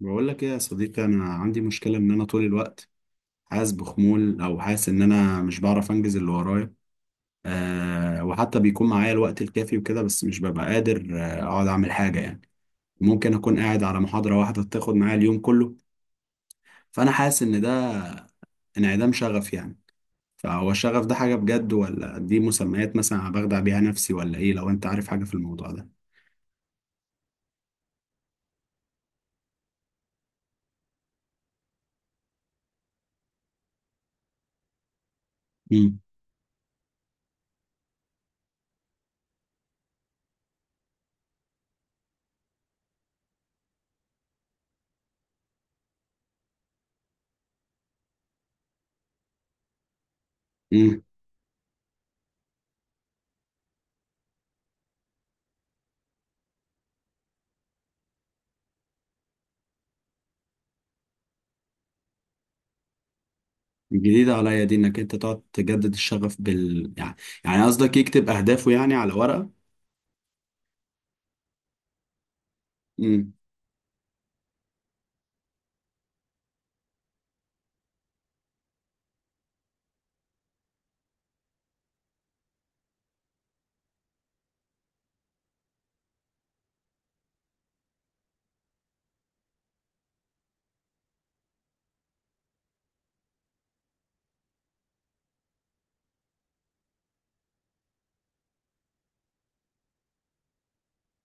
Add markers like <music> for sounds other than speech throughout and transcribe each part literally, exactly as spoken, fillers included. بقول لك ايه يا صديقي، انا عندي مشكله ان انا طول الوقت حاسس بخمول، او حاسس ان انا مش بعرف انجز اللي ورايا. أه، وحتى بيكون معايا الوقت الكافي وكده، بس مش ببقى قادر آه، اقعد اعمل حاجه يعني. ممكن اكون قاعد على محاضره واحده تاخد معايا اليوم كله. فانا حاسس ان ده انعدام شغف يعني. فهو الشغف ده حاجه بجد، ولا دي مسميات مثلا أنا بخدع بيها نفسي، ولا ايه؟ لو انت عارف حاجه في الموضوع ده. امم. جديدة عليا دي، انك انت تقعد تجدد الشغف بال يعني. يعني قصدك يكتب اهدافه يعني على ورقة. امم.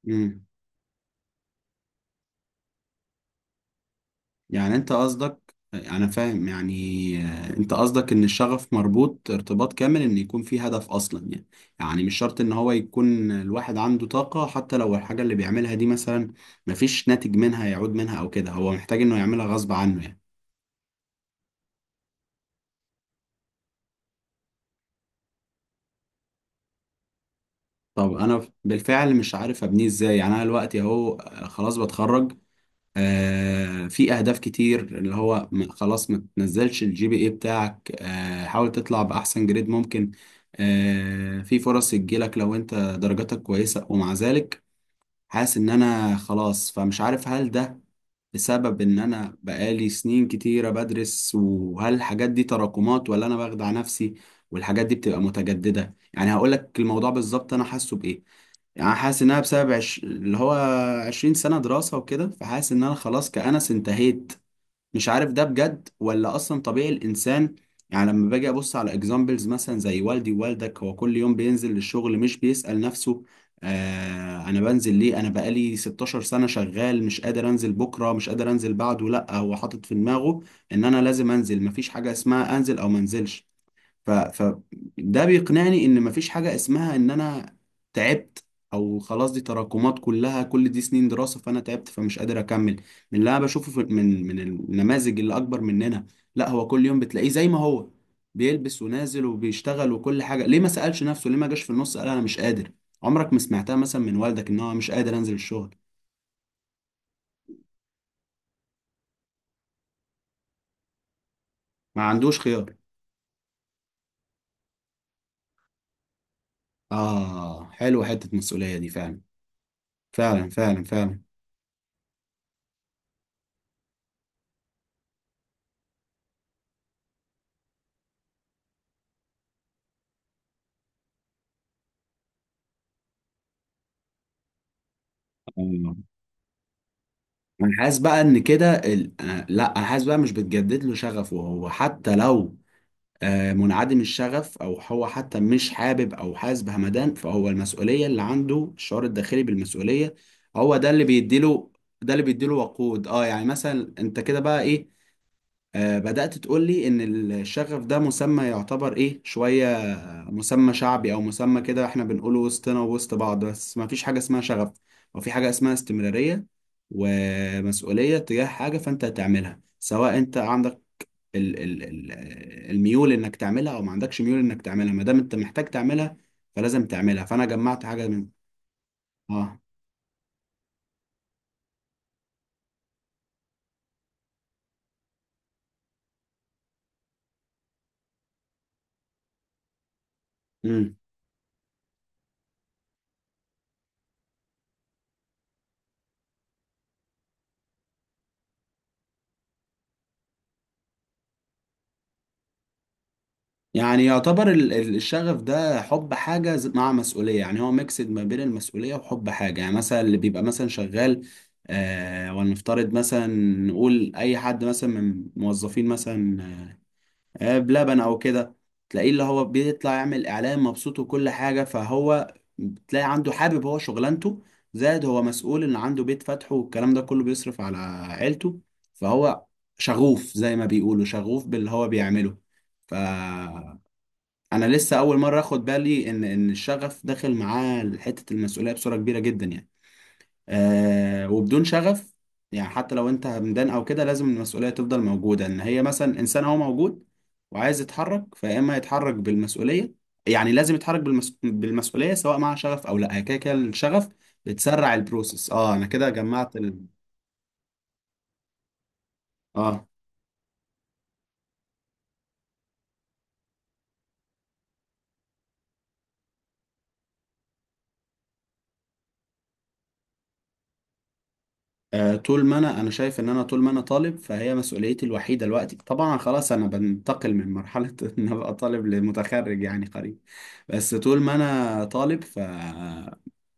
امم. يعني انت قصدك، انا فاهم يعني. آه، انت قصدك ان الشغف مربوط ارتباط كامل ان يكون في هدف اصلا يعني. يعني مش شرط ان هو يكون الواحد عنده طاقة، حتى لو الحاجة اللي بيعملها دي مثلا مفيش ناتج منها يعود منها او كده، هو محتاج انه يعملها غصب عنه يعني. طب انا بالفعل مش عارف ابنيه ازاي. يعني انا دلوقتي اهو آه، خلاص بتخرج. آه، في اهداف كتير، اللي هو م- خلاص ما تنزلش الجي بي اي بتاعك، آه، حاول تطلع باحسن جريد ممكن، آه، في فرص تجيلك لو انت درجاتك كويسة. ومع ذلك حاسس ان انا خلاص. فمش عارف هل ده بسبب ان انا بقالي سنين كتيرة بدرس، وهل الحاجات دي تراكمات، ولا انا بخدع نفسي والحاجات دي بتبقى متجددة. يعني هقولك الموضوع بالظبط انا حاسه بايه. يعني حاسس انها بسبب عش... اللي هو عشرين سنة دراسة وكده. فحاسس ان انا خلاص كأنس انتهيت. مش عارف ده بجد، ولا اصلا طبيعي الانسان. يعني لما باجي ابص على اكزامبلز مثلا زي والدي ووالدك، هو كل يوم بينزل للشغل مش بيسأل نفسه آه انا بنزل ليه، انا بقالي ستاشر سنة شغال مش قادر انزل بكرة، مش قادر انزل بعده. لا، هو حاطط في دماغه ان انا لازم انزل، مفيش حاجة اسمها انزل او منزلش. ف... فده بيقنعني ان مفيش حاجة اسمها ان انا تعبت، او خلاص دي تراكمات كلها، كل دي سنين دراسة، فانا تعبت فمش قادر اكمل. من اللي انا بشوفه في من من النماذج اللي اكبر مننا، لا هو كل يوم بتلاقيه زي ما هو بيلبس ونازل وبيشتغل وكل حاجة. ليه ما سألش نفسه؟ ليه ما جاش في النص قال انا مش قادر؟ عمرك ما سمعتها مثلا من والدك ان هو مش قادر انزل الشغل. ما عندوش خيار. اه، حلو حتة مسؤولية دي فعلا. فعلا فعلا فعلا. انا حاسس بقى ان كده ال... آه، لا، انا حاسس بقى مش بتجدد له شغفه هو حتى لو آه، منعدم الشغف، او هو حتى مش حابب او حاسس بهمدان، فهو المسؤوليه اللي عنده، الشعور الداخلي بالمسؤوليه، هو ده اللي بيديله. ده اللي بيديله وقود. اه يعني مثلا انت كده بقى ايه، آه، بدأت تقول لي ان الشغف ده مسمى يعتبر ايه شويه، مسمى شعبي، او مسمى كده احنا بنقوله وسطنا ووسط بعض، بس ما فيش حاجه اسمها شغف، او في حاجه اسمها استمراريه ومسؤوليه تجاه حاجه، فانت هتعملها سواء انت عندك ال ال ال الميول انك تعملها، او ما عندكش ميول انك تعملها، ما دام انت محتاج تعملها، فلازم تعملها. فانا جمعت حاجه من، اه، يعني يعتبر ال- ال- الشغف ده حب حاجة ز- مع مسؤولية. يعني هو ميكسد ما بين المسؤولية وحب حاجة. يعني مثلا اللي بيبقى مثلا شغال، آه، ولنفترض مثلا، نقول أي حد مثلا من موظفين مثلا آه بلبن أو كده، تلاقيه اللي هو بيطلع يعمل إعلان مبسوط وكل حاجة، فهو تلاقي عنده حابب هو شغلانته، زائد هو مسؤول إن عنده بيت فاتحه، والكلام ده كله بيصرف على عيلته، فهو شغوف زي ما بيقولوا، شغوف باللي هو بيعمله. ف، انا لسه اول مره اخد بالي ان ان الشغف داخل معاه حته المسؤوليه بصوره كبيره جدا يعني. آه، وبدون شغف، يعني حتى لو انت همدان او كده، لازم المسؤوليه تفضل موجوده، ان هي مثلا انسان هو موجود وعايز يتحرك، فيا اما يتحرك بالمسؤوليه. يعني لازم يتحرك بالمس... بالمسؤوليه سواء مع شغف او لا، كده كده الشغف بتسرع البروسيس. اه انا كده جمعت ال... اه. آه، طول ما انا انا شايف ان انا طول ما انا طالب، فهي مسؤوليتي الوحيده دلوقتي، طبعا خلاص انا بنتقل من مرحله <laughs> ان ابقى طالب لمتخرج يعني قريب. بس طول ما انا طالب ف،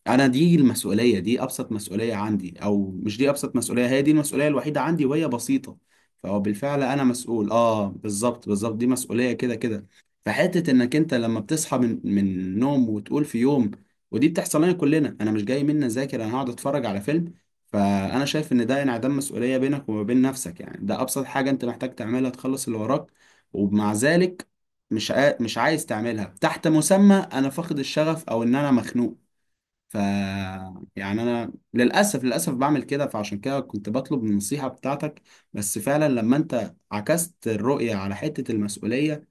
انا دي المسؤوليه، دي ابسط مسؤوليه عندي، او مش دي ابسط مسؤوليه، هي دي المسؤوليه الوحيده عندي وهي بسيطه. فهو بالفعل انا مسؤول، اه بالظبط بالظبط، دي مسؤوليه كده كده. فحته انك انت لما بتصحى من من النوم وتقول في يوم، ودي بتحصل لنا كلنا، انا مش جاي مني اذاكر، انا هقعد اتفرج على فيلم. فانا شايف ان ده انعدام مسؤوليه بينك وما بين نفسك. يعني ده ابسط حاجه انت محتاج تعملها تخلص اللي وراك، ومع ذلك مش عا... مش عايز تعملها تحت مسمى انا فاقد الشغف، او ان انا مخنوق. ف، يعني انا للاسف للاسف بعمل كده، فعشان كده كنت بطلب النصيحه بتاعتك. بس فعلا لما انت عكست الرؤيه على حته المسؤوليه،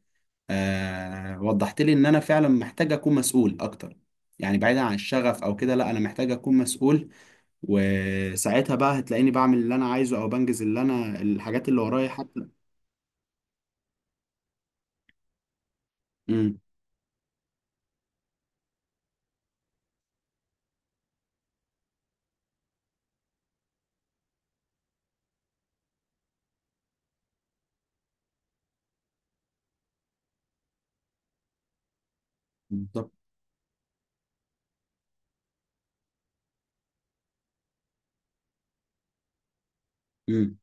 آه، وضحت لي ان انا فعلا محتاج اكون مسؤول اكتر. يعني بعيدا عن الشغف او كده، لا، انا محتاج اكون مسؤول. وساعتها بقى هتلاقيني بعمل اللي انا عايزه، او بنجز اللي انا الحاجات اللي ورايا حتى. امم. بالظبط. مم.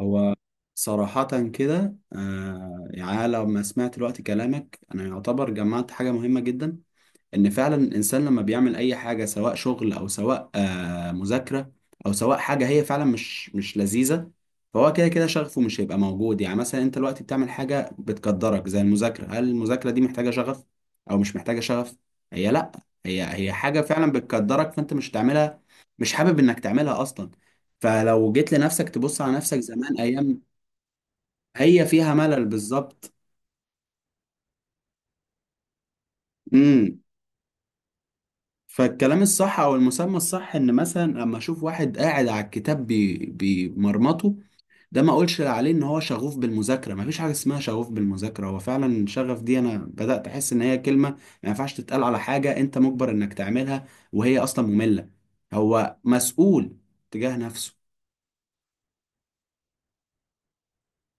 هو صراحة كده آه، يعني أنا لما سمعت دلوقتي كلامك أنا يعتبر جمعت حاجة مهمة جدا. ان فعلا الانسان لما بيعمل اي حاجه، سواء شغل او سواء آه، مذاكره، او سواء حاجه هي فعلا مش مش لذيذه، فهو كده كده شغفه مش هيبقى موجود. يعني مثلا انت دلوقتي بتعمل حاجه بتقدرك زي المذاكره، هل المذاكره دي محتاجه شغف او مش محتاجه شغف؟ هي لا، هي هي حاجه فعلا بتقدرك، فانت مش هتعملها، مش حابب انك تعملها اصلا. فلو جيت لنفسك تبص على نفسك زمان ايام، هي فيها ملل بالظبط. إمم. فالكلام الصح، او المسمى الصح، ان مثلا لما اشوف واحد قاعد على الكتاب بي- بيمرمطه، ده ما اقولش عليه ان هو شغوف بالمذاكره، ما فيش حاجه اسمها شغوف بالمذاكره. هو فعلا شغف دي انا بدات احس ان هي كلمه ما ينفعش تتقال على حاجه انت مجبر انك تعملها وهي اصلا ممله. هو مسؤول تجاه نفسه.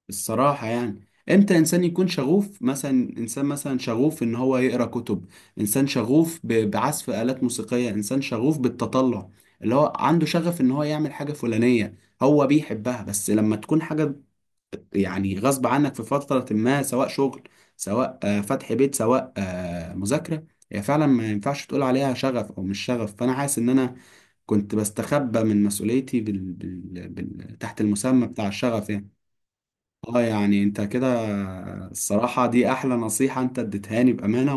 الصراحة يعني امتى انسان يكون شغوف مثلا؟ انسان مثلا شغوف ان هو يقرا كتب، انسان شغوف ب- بعزف آلات موسيقية، انسان شغوف بالتطلع، اللي هو عنده شغف ان هو يعمل حاجة فلانية، هو بيحبها. بس لما تكون حاجة يعني غصب عنك في فترة ما، سواء شغل، سواء آه، فتح بيت، سواء آه، مذاكرة، هي فعلا ما ينفعش تقول عليها شغف او مش شغف. فانا حاسس ان انا كنت بستخبى من مسؤوليتي بال... بال... بال... تحت المسمى بتاع الشغف يعني. اه يعني انت كده الصراحة دي احلى نصيحة انت اديتهاني بأمانة،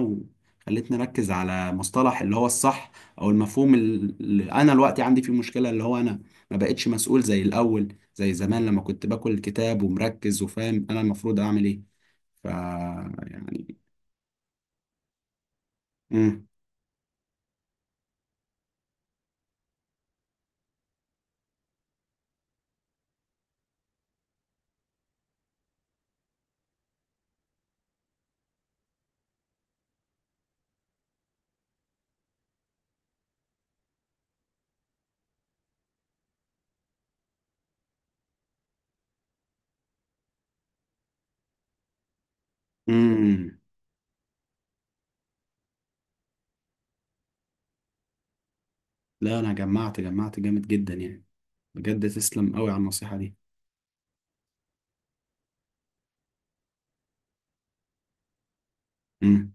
وخلتني اركز على مصطلح اللي هو الصح، او المفهوم اللي انا دلوقتي عندي فيه مشكلة، اللي هو انا ما بقتش مسؤول زي الاول، زي زمان لما كنت باكل الكتاب ومركز وفاهم انا المفروض اعمل ايه. ف، يعني. امم. امم. لا انا جمعت جمعت جامد جدا يعني. بجد تسلم قوي على النصيحة دي. امم.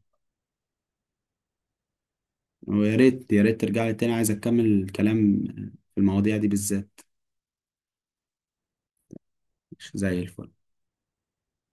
ويا ريت يا ريت ترجع لي تاني عايز اكمل الكلام في المواضيع دي بالذات. زي الفل.